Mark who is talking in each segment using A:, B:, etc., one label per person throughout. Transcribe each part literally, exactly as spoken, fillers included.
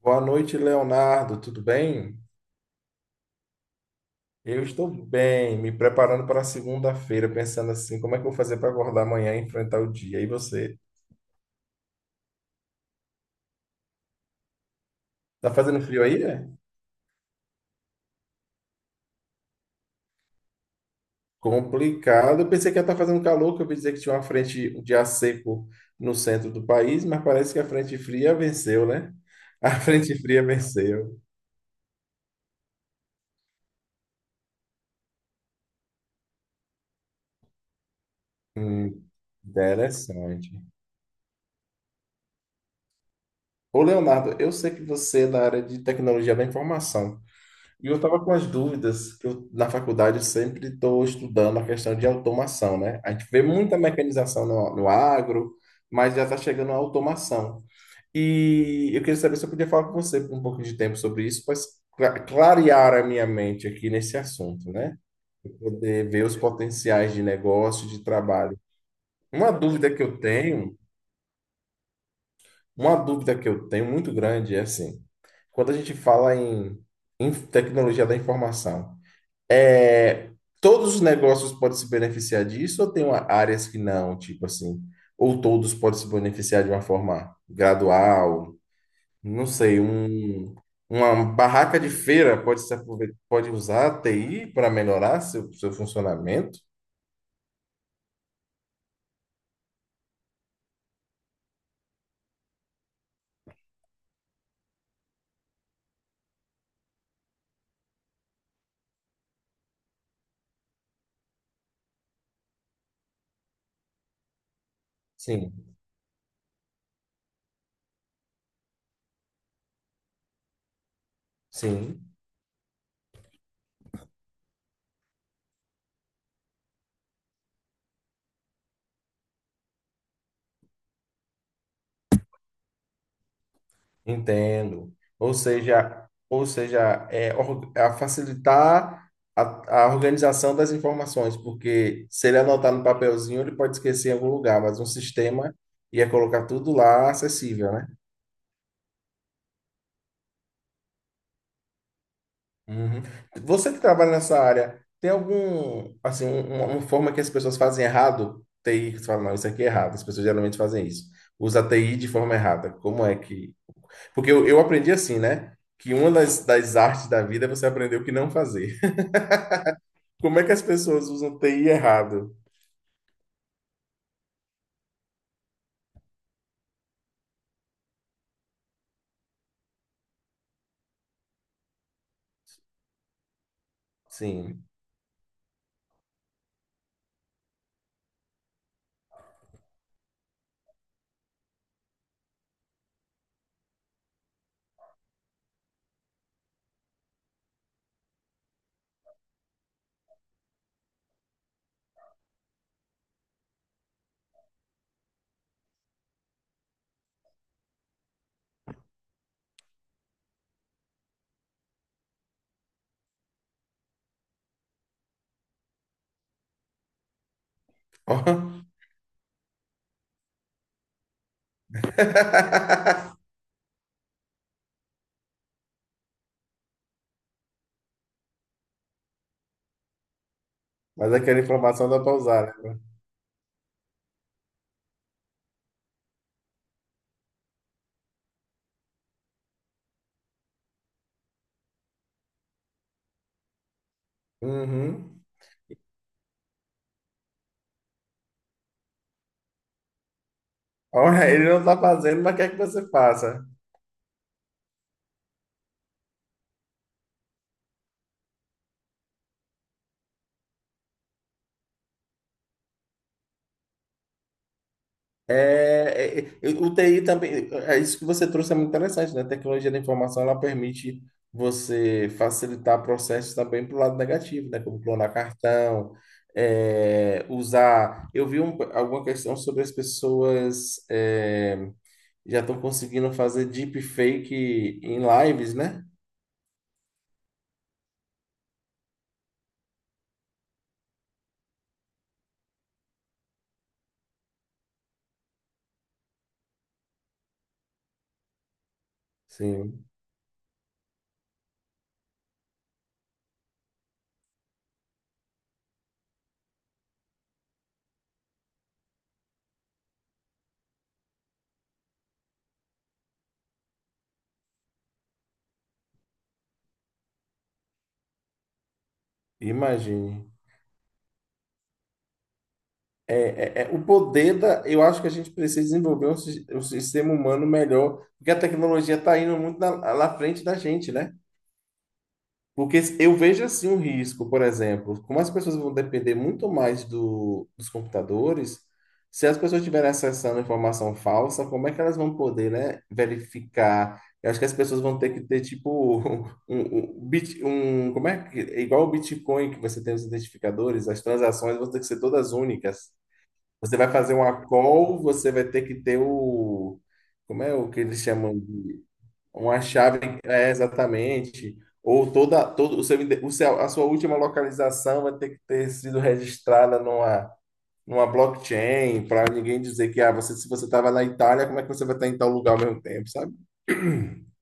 A: Boa noite, Leonardo. Tudo bem? Eu estou bem, me preparando para segunda-feira, pensando assim, como é que eu vou fazer para acordar amanhã e enfrentar o dia? E você? Tá fazendo frio aí, é? Complicado. Eu pensei que ia estar fazendo calor, que eu ouvi dizer que tinha uma frente de ar seco no centro do país, mas parece que a frente fria venceu, né? A frente fria venceu. Hum, interessante. Ô, Leonardo, eu sei que você é da área de tecnologia da informação. E eu estava com as dúvidas, que eu, na faculdade eu sempre estou estudando a questão de automação, né? A gente vê muita mecanização no, no agro, mas já está chegando a automação. E eu queria saber se eu podia falar com você por um pouco de tempo sobre isso, para cla- clarear a minha mente aqui nesse assunto, né? Poder ver os potenciais de negócio, de trabalho. Uma dúvida que eu tenho, uma dúvida que eu tenho muito grande é assim, quando a gente fala em em tecnologia da informação, É, todos os negócios podem se beneficiar disso ou tem uma- áreas que não, tipo assim, ou todos podem se beneficiar de uma forma gradual, não sei, um, uma barraca de feira pode se aproveitar, pode usar a T I para melhorar seu, seu funcionamento? Sim, sim. Entendo. Ou seja, ou seja, é, or- a facilitar a, a organização das informações, porque se ele anotar no papelzinho, ele pode esquecer em algum lugar, mas um sistema ia colocar tudo lá acessível, né? Uhum. Você que trabalha nessa área, tem algum, assim, um- uma forma que as pessoas fazem errado? T I, que você fala, não, isso aqui é errado, as pessoas geralmente fazem isso. Usa T I de forma errada. Como é que. Porque eu, eu aprendi assim, né? Que uma das, das artes da vida é você aprender o que não fazer. Como é que as pessoas usam T I errado? Sim. Ó. Mas aquela informação dá para usar, né? Uhum. Olha, ele não está fazendo, mas quer que você faça. É, é, é, o T I também, é isso que você trouxe é muito interessante, né? A tecnologia da informação, ela permite você facilitar processos também para o lado negativo, né? Como clonar cartão, é, usar... Eu vi um- alguma questão sobre as pessoas é, já estão conseguindo fazer deepfake em lives, né? Sim, imagine. É, é, é o poder da. Eu acho que a gente precisa desenvolver um, sis- um sistema humano melhor, porque a tecnologia está indo muito na, lá na frente da gente, né? Porque eu vejo assim um risco, por exemplo, como as pessoas vão depender muito mais do- dos computadores, se as pessoas estiverem acessando informação falsa, como é que elas vão poder, né, verificar? Eu acho que as pessoas vão ter que ter, tipo, um, um, bit- um- como é que, é igual o Bitcoin, que você tem os identificadores, as transações vão ter que ser todas únicas. Você vai fazer uma call, você vai ter que ter o, como é o que eles chamam de uma chave, é, exatamente. Ou toda, todo o seu, ide- o seu- a sua última localização vai ter que ter sido registrada numa, numa blockchain, para ninguém dizer que ah, você, se você estava na Itália, como é que você vai estar em tal lugar ao mesmo tempo, sabe?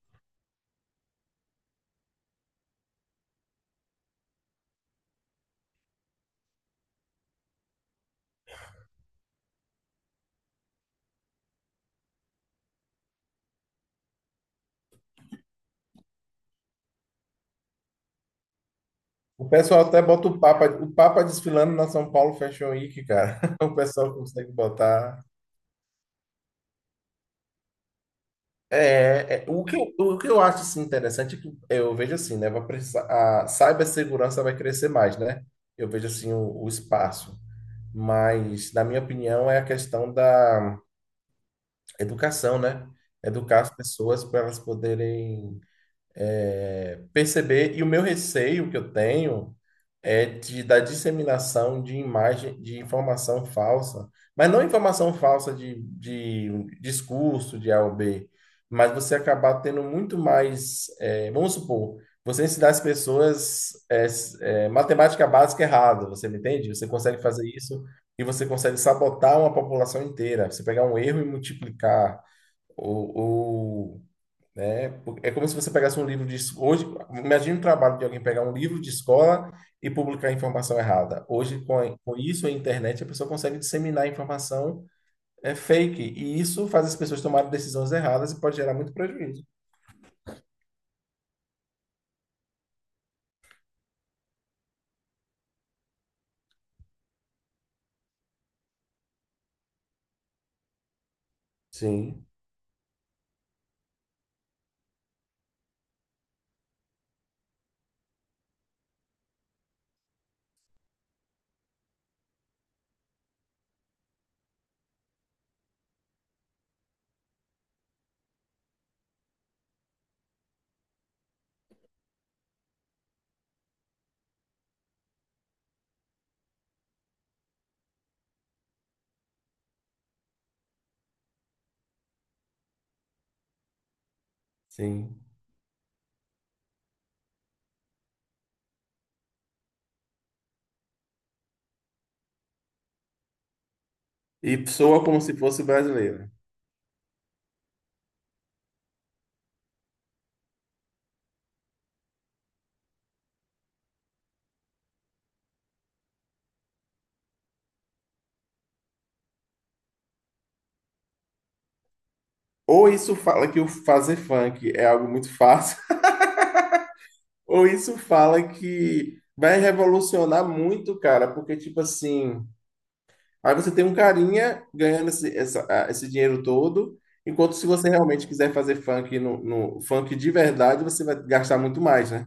A: O pessoal até bota o Papa, o Papa desfilando na São Paulo Fashion Week, cara. O pessoal consegue botar. É, é, o que eu, o que eu acho assim, interessante é que eu vejo assim, né? Vai precisar, a cibersegurança vai crescer mais, né? Eu vejo assim o, o espaço. Mas, na minha opinião, é a questão da educação, né? Educar as pessoas para elas poderem é, perceber. E o meu receio que eu tenho é de, da disseminação de imagem, de informação falsa, mas não informação falsa de, de um discurso de A ou B, mas você acabar tendo muito mais, é, vamos supor, você ensinar as pessoas é, é, matemática básica errada, você me entende? Você consegue fazer isso e você consegue sabotar uma população inteira. Você pegar um erro e multiplicar ou, ou né? Por- É como se você pegasse um livro de es- hoje, imagine o trabalho de alguém pegar um livro de escola e publicar informação errada. Hoje, com, a- com isso, a internet, a pessoa consegue disseminar informação é, fake, e isso faz as pessoas tomarem decisões erradas e pode gerar muito prejuízo. Sim, sim. E soa como se fosse brasileiro. Ou isso fala que o fazer funk é algo muito fácil, ou isso fala que vai revolucionar muito, cara, porque, tipo assim, aí você tem um carinha ganhando esse, essa- a- esse dinheiro todo, enquanto se você realmente quiser fazer funk no, no funk de verdade, você vai gastar muito mais, né?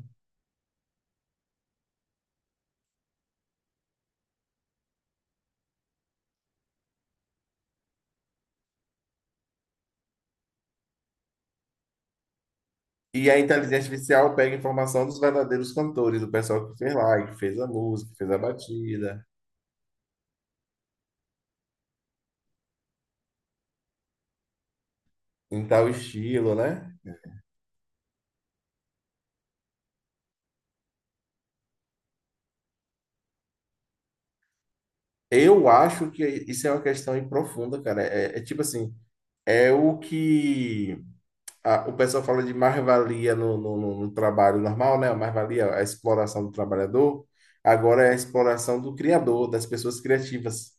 A: E a inteligência artificial pega informação dos verdadeiros cantores, do pessoal que fez lá, que fez a música, que fez a batida, em tal estilo, né? Eu acho que isso é uma questão aí profunda, cara. É, é tipo assim, é o que a- o pessoal fala de mais-valia no, no, no- no trabalho normal, né? A mais-valia, é a exploração do trabalhador. Agora é a exploração do criador, das pessoas criativas.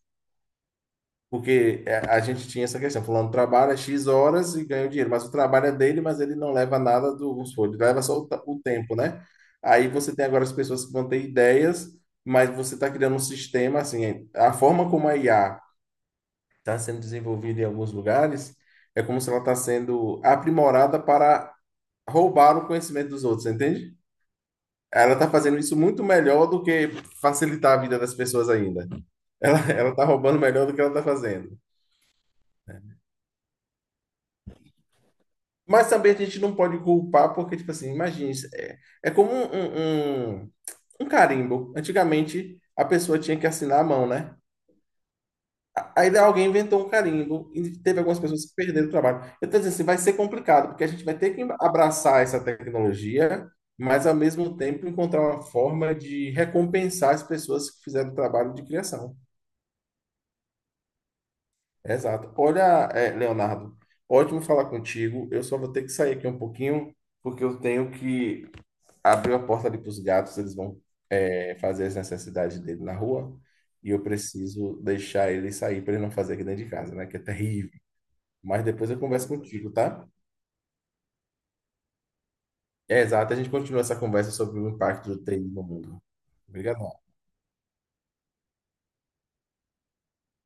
A: Porque é, a gente tinha essa questão, fulano trabalha X horas e ganha o dinheiro, mas o trabalho é dele, mas ele não leva nada do vamos supor, ele leva só o, ta- o tempo, né? Aí você tem agora as pessoas que vão ter ideias, mas você está criando um sistema, assim, a forma como a I A está sendo desenvolvida em alguns lugares é como se ela está sendo aprimorada para roubaram o conhecimento dos outros, entende? Ela tá fazendo isso muito melhor do que facilitar a vida das pessoas ainda. Ela, ela tá roubando melhor do que ela tá fazendo. Mas também a gente não pode culpar, porque, tipo assim, imagine, isso é, é como um, um, um- um carimbo. Antigamente, a pessoa tinha que assinar a mão, né? Aí alguém inventou um carimbo e teve algumas pessoas que perderam o trabalho. Eu estou dizendo assim, vai ser complicado, porque a gente vai ter que abraçar essa tecnologia, mas ao mesmo tempo encontrar uma forma de recompensar as pessoas que fizeram o trabalho de criação. Exato. Olha, é, Leonardo, ótimo falar contigo. Eu só vou ter que sair aqui um pouquinho, porque eu tenho que abrir a porta ali para os gatos, eles vão, é, fazer as necessidades dele na rua, e eu preciso deixar ele sair para ele não fazer aqui dentro de casa, né? Que é terrível. Mas depois eu converso contigo, tá? É exato, a gente continua essa conversa sobre o impacto do treino no mundo. Obrigado.